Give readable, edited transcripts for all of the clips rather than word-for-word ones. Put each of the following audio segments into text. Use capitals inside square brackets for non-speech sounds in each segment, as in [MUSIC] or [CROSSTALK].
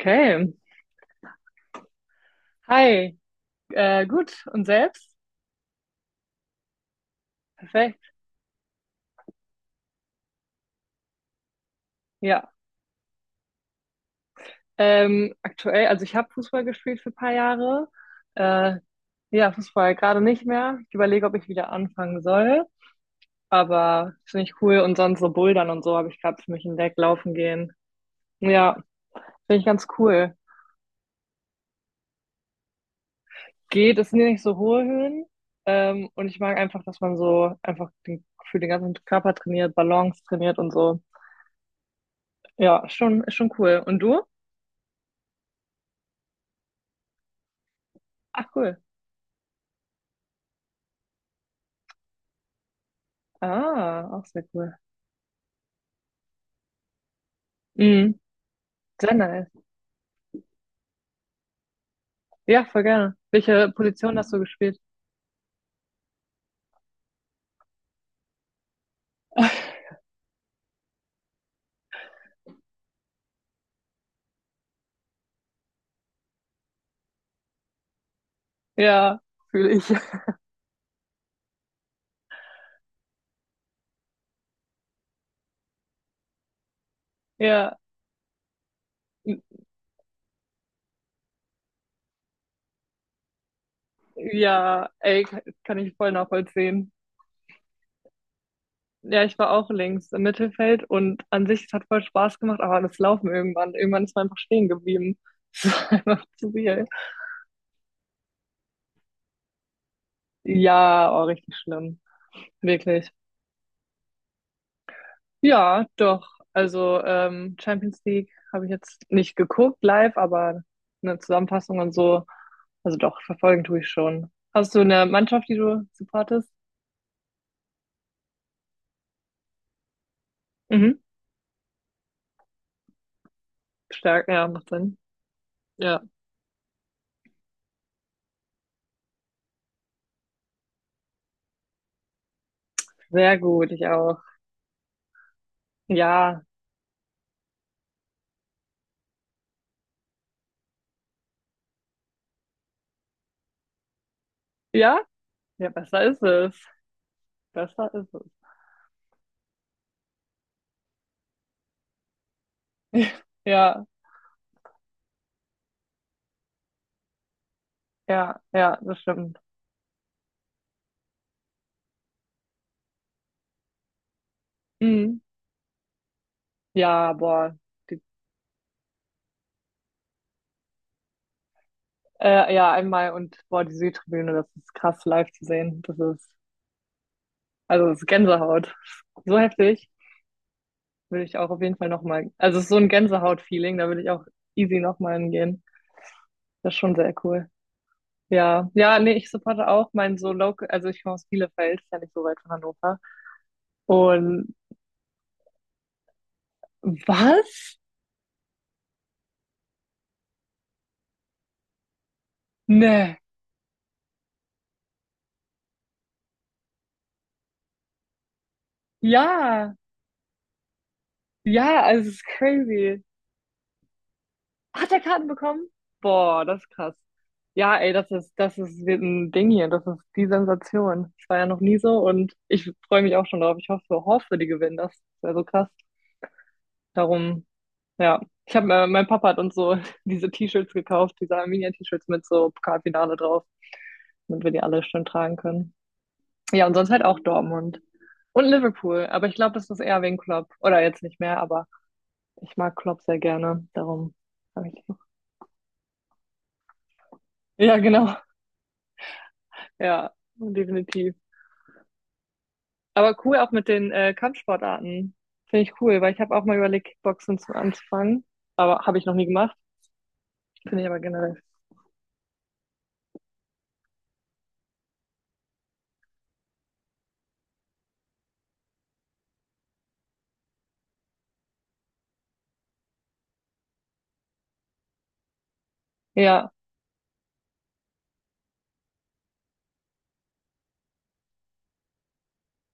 Okay. Hi. Gut. Und selbst? Perfekt. Ja. Aktuell, also ich habe Fußball gespielt für ein paar Jahre. Äh, ja, Fußball gerade nicht mehr. Ich überlege, ob ich wieder anfangen soll. Aber finde ich cool. Und sonst so Bouldern und so habe ich gerade für mich entdeckt, laufen gehen. Ja, finde ich ganz cool. Geht, es sind ja nicht so hohe Höhen. Und ich mag einfach, dass man so einfach für den ganzen Körper trainiert, Balance trainiert und so. Ja, schon, ist schon cool. Und du? Ach, cool. Ah, auch sehr cool. Mhm. Sehr nice. Ja, voll gerne. Welche Position hast du gespielt? Ja, fühle ich. [LAUGHS] Ja, ja, ey, kann ich voll nachvollziehen. Ja, ich war auch links im Mittelfeld und an sich, es hat voll Spaß gemacht, aber das Laufen irgendwann, irgendwann ist man einfach stehen geblieben. [LAUGHS] Es war einfach zu viel. Ja, oh, richtig schlimm. Wirklich. Ja, doch. Also Champions League habe ich jetzt nicht geguckt live, aber eine Zusammenfassung und so. Also doch, verfolgen tue ich schon. Hast du eine Mannschaft, die du supportest? Mhm. Stark, ja, macht Sinn. Ja, sehr gut, ich auch. Ja, ja, ja, besser ist es. Besser ist es. [LAUGHS] Ja, ja, ja, das stimmt. Mhm. Ja, boah. Die, ja, einmal und boah, die Südtribüne, das ist krass live zu sehen. Das ist Also es ist Gänsehaut. So heftig. Würde ich auch auf jeden Fall nochmal. Also es ist so ein Gänsehaut-Feeling, da würde ich auch easy nochmal hingehen. Das ist schon sehr cool. Ja, ja, nee, ich supporte auch mein so local, also ich komme aus Bielefeld, ist ja nicht so weit von Hannover. Und Was? Ne. Ja, ja, also es ist crazy. Hat er Karten bekommen? Boah, das ist krass. Ja, ey, das ist wird ein Ding hier. Das ist die Sensation. Das war ja noch nie so und ich freue mich auch schon drauf. Ich hoffe, hoffe, die gewinnen das. Wäre so krass. Darum, ja. Mein Papa hat uns so [LAUGHS] diese T-Shirts gekauft, diese Arminia-T-Shirts mit so Pokalfinale drauf, damit wir die alle schön tragen können. Ja, und sonst halt auch Dortmund und Liverpool. Aber ich glaube, das ist eher wegen Klopp. Oder jetzt nicht mehr, aber ich mag Klopp sehr gerne. Darum habe ich. Ja, genau. Ja, definitiv. Aber cool auch mit den Kampfsportarten. Finde ich cool, weil ich habe auch mal überlegt, Kickboxen zu anzufangen. Aber habe ich noch nie gemacht. Finde ich aber generell. Ja,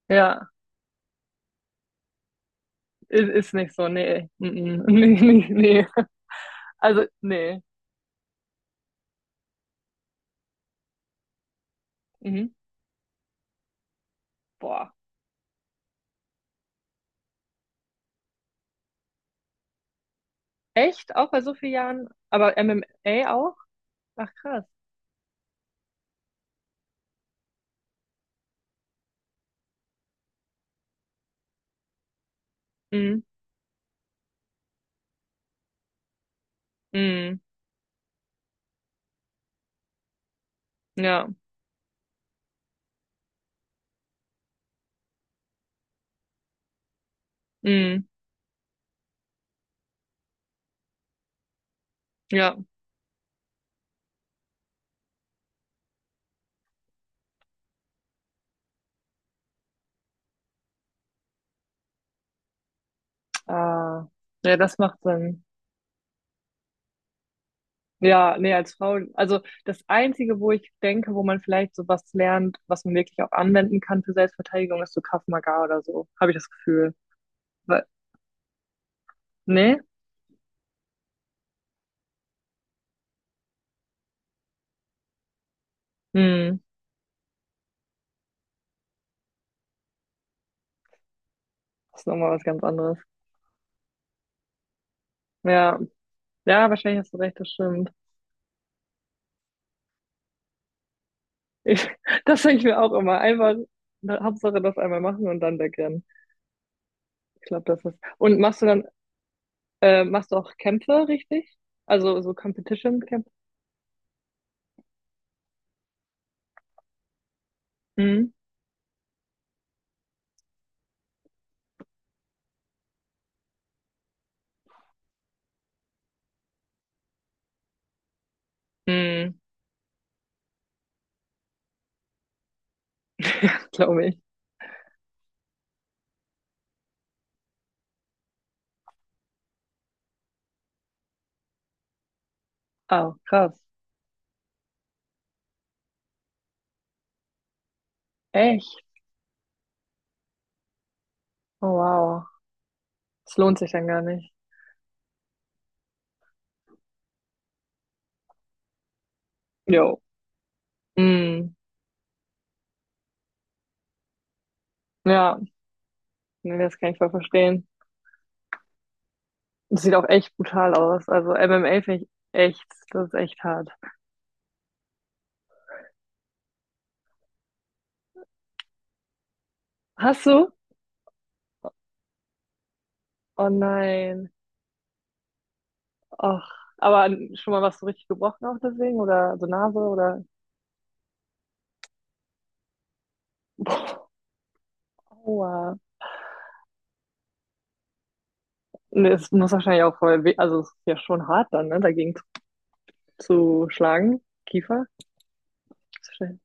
ja. Ist nicht so. Nee. Mm -mm. [LAUGHS] Nee, nee, nee. Also, nee. Mhm. Boah. Echt? Auch bei so vielen Jahren? Aber MMA auch? Ach, krass. Mhm. Mhm. Ja. Mhm. Ja. Ah. Ja, das macht Sinn. Ja, nee, als Frau, also das Einzige, wo ich denke, wo man vielleicht sowas lernt, was man wirklich auch anwenden kann für Selbstverteidigung, ist so Krav Maga oder so, habe ich das Gefühl. Weil, nee? Hm, das ist nochmal was ganz anderes. Ja, ja, wahrscheinlich hast du recht, das stimmt. Ich, [LAUGHS] Das denke ich mir auch immer. Einfach, na, Hauptsache das einmal machen und dann wegrennen. Ich glaube, das ist. Und machst du auch Kämpfe, richtig? Also so Competition-Kämpfe? Hm, hm, Glaube ich. Ah, krass. Echt? Oh, wow. Es lohnt sich dann gar nicht. Jo. Hm, ja, nee, das kann ich voll verstehen. Das sieht auch echt brutal aus. Also MMA finde ich echt, das ist echt hart. Hast du? Oh nein. Ach, aber schon mal was so richtig gebrochen auch deswegen? Oder so Nase oder Aua. Nee, es muss wahrscheinlich auch voll weh, also es ist ja schon hart dann, ne, dagegen zu schlagen. Kiefer? Ist wahrscheinlich-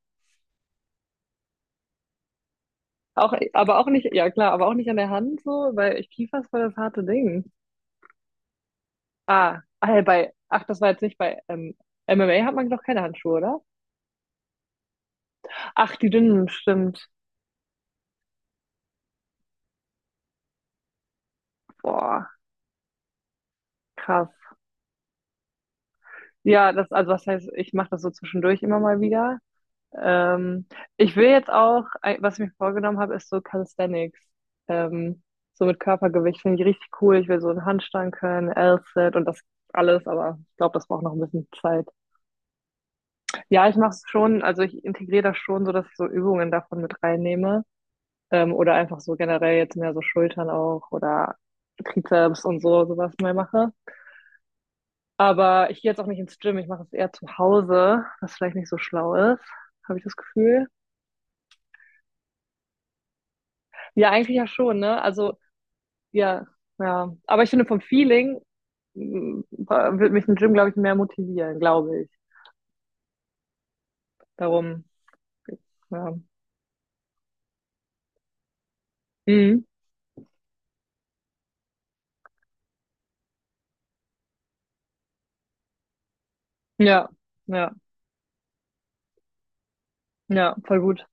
Auch, aber auch nicht, ja klar, aber auch nicht an der Hand so, weil Kiefer ist voll das harte Ding. Ah, ach, ja, bei, ach, das war jetzt nicht bei MMA hat man doch keine Handschuhe, oder? Ach, die dünnen, stimmt. Boah, krass. Ja, also was heißt, ich mache das so zwischendurch immer mal wieder. Ähm, Ich will jetzt auch, was ich mir vorgenommen habe, ist so Calisthenics. Ähm, so mit Körpergewicht finde ich richtig cool. Ich will so einen Handstand können, L-Sit und das alles, aber ich glaube, das braucht noch ein bisschen Zeit. Ja, ich mache es schon, also ich integriere das schon so, dass ich so Übungen davon mit reinnehme. Oder einfach so generell jetzt mehr so Schultern auch oder Trizeps und so, sowas mal mache. Aber ich gehe jetzt auch nicht ins Gym, ich mache es eher zu Hause, was vielleicht nicht so schlau ist, habe ich das Gefühl. Ja, eigentlich ja schon, ne? Also, ja, ja. Aber ich finde, vom Feeling wird mich ein Gym, glaube ich, mehr motivieren, glaube ich. Darum, ja. Mhm. Ja, ja, ja, voll gut.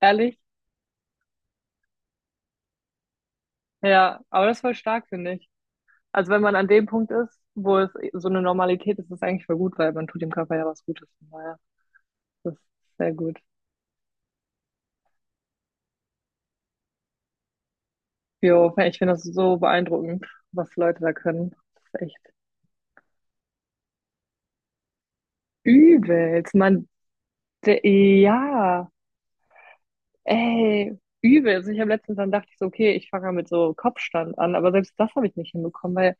Ehrlich? Ja, aber das ist voll stark, finde ich. Also wenn man an dem Punkt ist, wo es so eine Normalität ist, ist es eigentlich voll gut, weil man tut dem Körper ja was Gutes. Von daher, das ist sehr gut. Jo, ich finde das so beeindruckend, was Leute da können. Das ist echt übelst. Man, ja, ey, übelst. Also ich habe letztens, dann dachte ich so, okay, ich fange mal mit so Kopfstand an, aber selbst das habe ich nicht hinbekommen, weil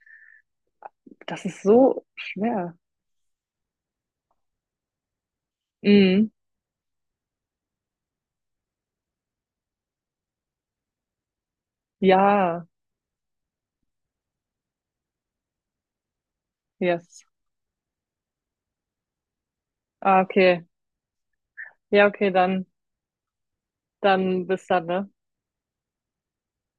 das ist so schwer. Mm, ja, yes. Ah, okay. Ja, okay, dann, bis dann, ne?